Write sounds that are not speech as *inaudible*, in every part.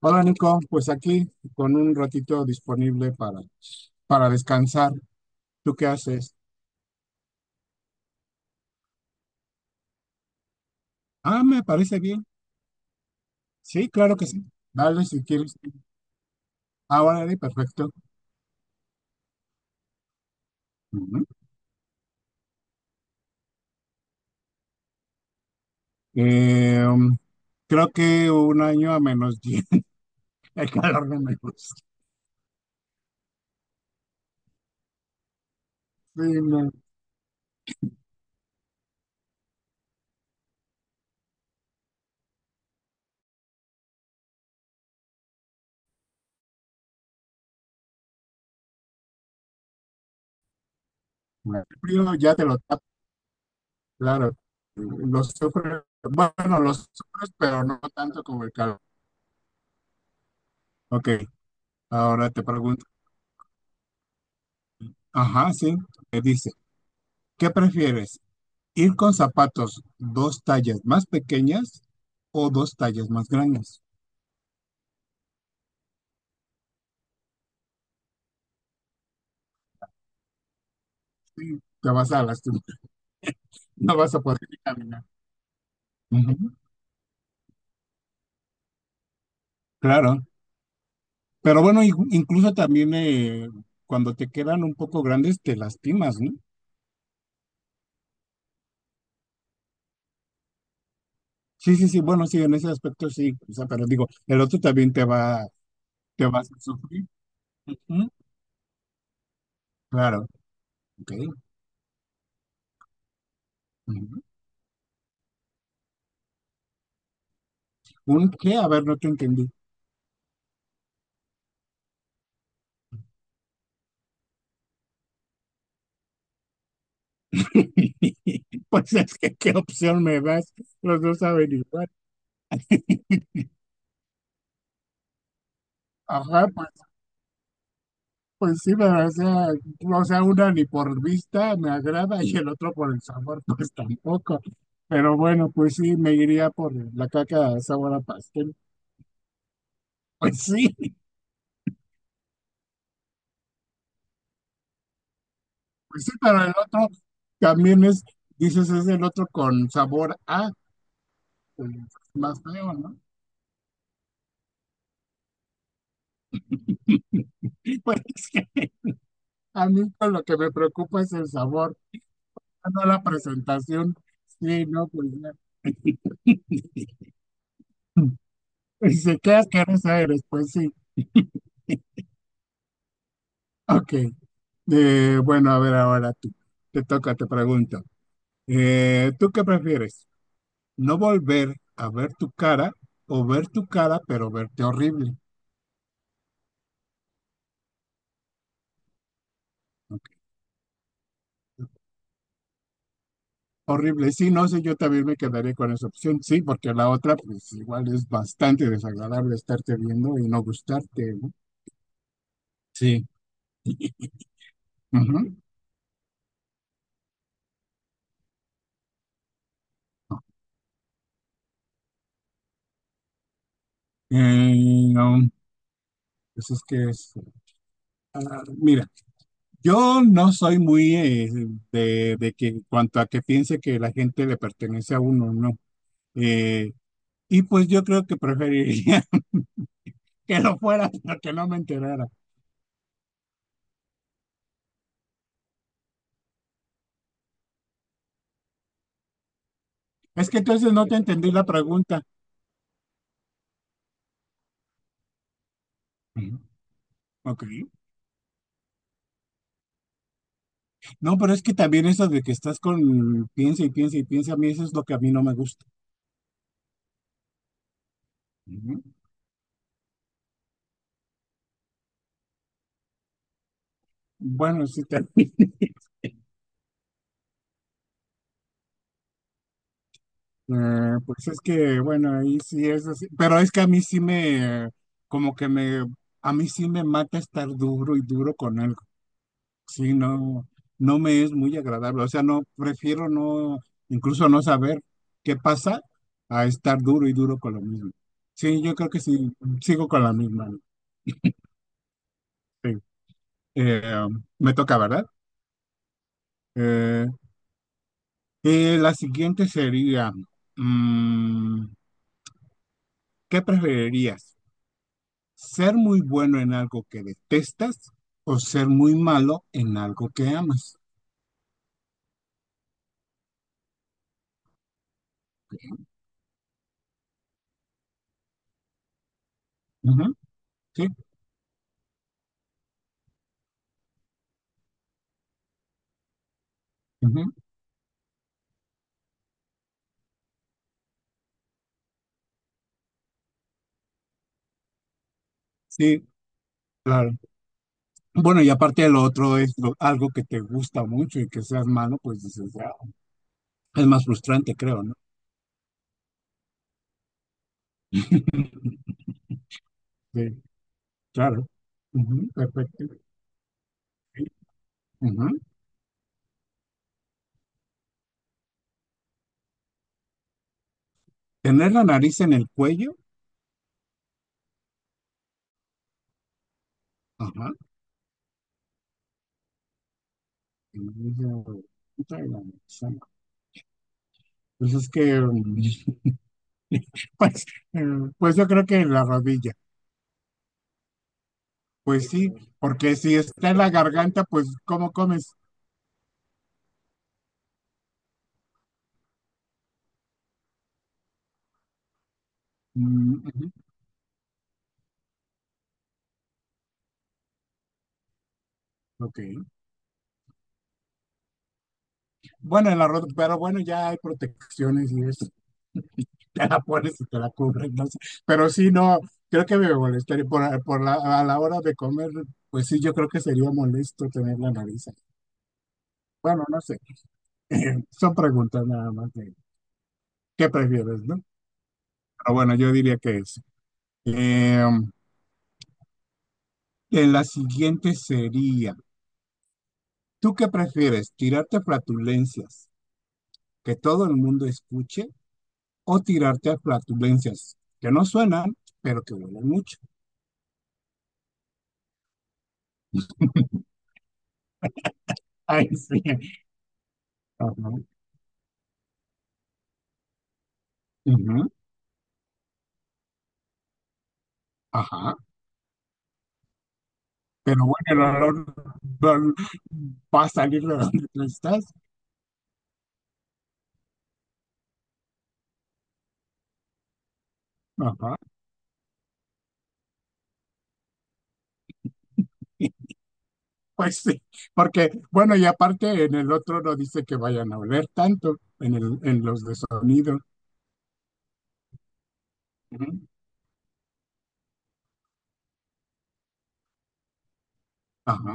Hola Nico, pues aquí con un ratito disponible para descansar. ¿Tú qué haces? Ah, me parece bien. Sí, claro que sí. Dale si quieres. Ahora de perfecto. Ujú. Eh, um, Creo que un año a menos 10. *laughs* El calor no me gusta. Sí, no. El frío ya te lo tapa, claro. Lo sufres, bueno, lo sufres, pero no tanto como el calor. Ok, ahora te pregunto. Ajá, sí. Me dice, ¿qué prefieres? Ir con zapatos dos tallas más pequeñas o dos tallas más grandes. Sí, te vas a lastimar, *laughs* no vas a poder caminar. Ujú, claro, pero bueno, incluso también cuando te quedan un poco grandes te lastimas, ¿no? Sí, sí, sí, bueno, sí, en ese aspecto sí, o sea, pero digo, el otro también te va a hacer sufrir. Ujú, claro, ok. Ujú. ¿Un qué? A ver, no te entendí. *laughs* Pues es que, ¿qué opción me das? Los dos saben igual. *laughs* Ajá, pues sí, pero o sea, una ni por vista me agrada y el otro por el sabor, *laughs* pues tampoco. Pero bueno, pues sí, me iría por la caca sabor a pastel. *laughs* Pues sí, pues sí, pero el otro también es, dices, es el otro con sabor a, pues más feo, ¿no? *laughs* Y pues es que a mí pues, lo que me preocupa es el sabor, no la presentación. Sí, no, pues ya. *laughs* Y se queda asquerosa eres, pues sí. Ok. Bueno, a ver ahora tú. Te toca, te pregunto. ¿Tú qué prefieres? ¿No volver a ver tu cara o ver tu cara pero verte horrible? Ok. Horrible. Sí, no sé, yo también me quedaría con esa opción. Sí, porque la otra pues igual es bastante desagradable estarte viendo y no gustarte, ¿no? Sí. Ujú. Eh, um, pues es que es, ah, mira, yo no soy muy de que cuanto a que piense que la gente le pertenece a uno, no. Eh, y pues yo creo que preferiría *laughs* que lo fuera para que no me enterara. Es que entonces no te entendí la pregunta. Ujú. Ok. No, pero es que también eso de que estás con piensa y piensa y piensa, a mí eso es lo que a mí no me gusta. Ujú. Bueno, sí, *laughs* pues es que, bueno, ahí sí es así. Pero es que a mí sí me, como que me, a mí sí me mata estar duro y duro con algo. Sí, no, no me es muy agradable. O sea, no, prefiero no, incluso no saber qué pasa a estar duro y duro con lo mismo. Sí, yo creo que sí, sigo con la misma. Sí. Me toca, ¿verdad? Eh, la siguiente sería, mm, ¿qué preferirías? ¿Ser muy bueno en algo que detestas o ser muy malo en algo que amas? Ujú, sí, ujú, sí, claro. Bueno, y aparte de lo otro es algo que te gusta mucho y que seas malo, pues dices, "Ah, es más frustrante, creo, ¿no? Sí, claro. Ujú, perfecto. Sí, ujú. Tener la nariz en el cuello. Ajá. Nariz en punta de la nariz, ah, no. Pues es que, *laughs* pues, eh, pues yo creo que en la rodilla. Pues sí, porque si está en la garganta, pues ¿cómo comes? Mm, ujú, ok. Bueno, en la rodilla, pero bueno, ya hay protecciones y eso. *laughs* Te la pones y te la cubren, no sé. Pero sí, no, creo que me molestaría por la, a la hora de comer, pues sí, yo creo que sería molesto tener la nariz ahí. Bueno, no sé, *laughs* son preguntas nada más de qué prefieres, ¿no? Pero bueno, yo diría que es. La siguiente sería, ¿tú qué prefieres? ¿Tirarte a flatulencias que todo el mundo escuche o tirarte a flatulencias que no suenan, pero que huelen mucho? *laughs* Ay, sí. Ajá. Ujú. Ajá. Pero bueno, el olor va va a salir de donde tú estás. Ajá. *laughs* Pues sí, porque, bueno, y aparte en el otro no dice que vayan a oler tanto en los de sonido. Ujú. Ajá,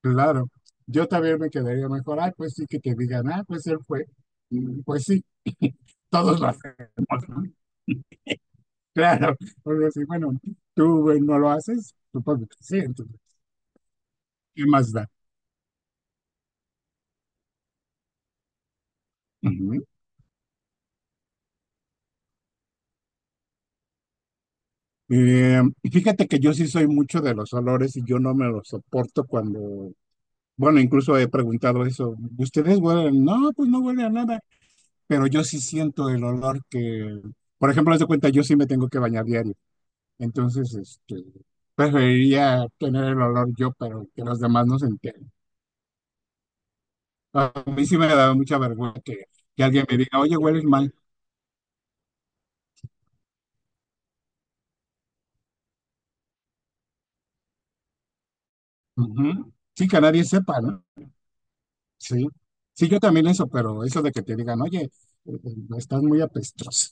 claro. Yo también me quedaría mejor, ah, pues sí, que te digan, ah, pues él fue. Mm, pues sí, todos lo hacemos, ¿no? *laughs* Claro. Bueno, sí, bueno, tú no lo haces, supongo que sí, entonces, ¿qué más da? Y fíjate que yo sí soy mucho de los olores y yo no me los soporto cuando, bueno, incluso he preguntado eso, ¿ustedes huelen? No, pues no huele a nada, pero yo sí siento el olor que, por ejemplo, haz de cuenta, yo sí me tengo que bañar diario, entonces, este, preferiría tener el olor yo, pero que los demás no se enteren. A mí sí me da mucha vergüenza que alguien me diga, oye, hueles mal. Ujú. Sí, que nadie sepa, ¿no? Sí, sí, yo también eso, pero eso de que te digan, oye, eh, estás muy apestoso.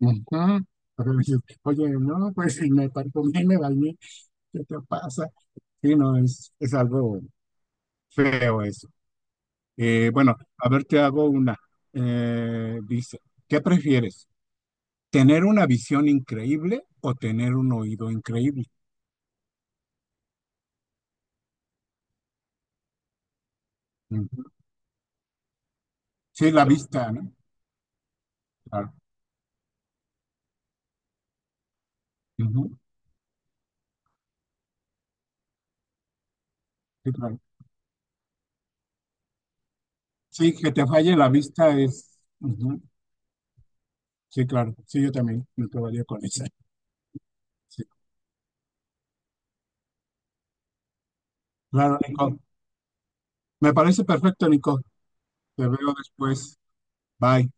Ujú. *laughs* Pero dices, oye, no, pues si me parfumé, me bañé, ¿qué te pasa? Sí, no, es algo feo eso. Bueno, a ver, te hago una. Dice, ¿qué prefieres? ¿Tener una visión increíble o tener un oído increíble? Ujú. Sí, la vista, ¿no? Claro. Ujú. Sí, claro. Sí, que te falle la vista es. Ujú. Sí, claro. Sí, yo también me quedaría con esa. Sí. Claro, Nico. Me parece perfecto, Nico. Te veo después. Bye.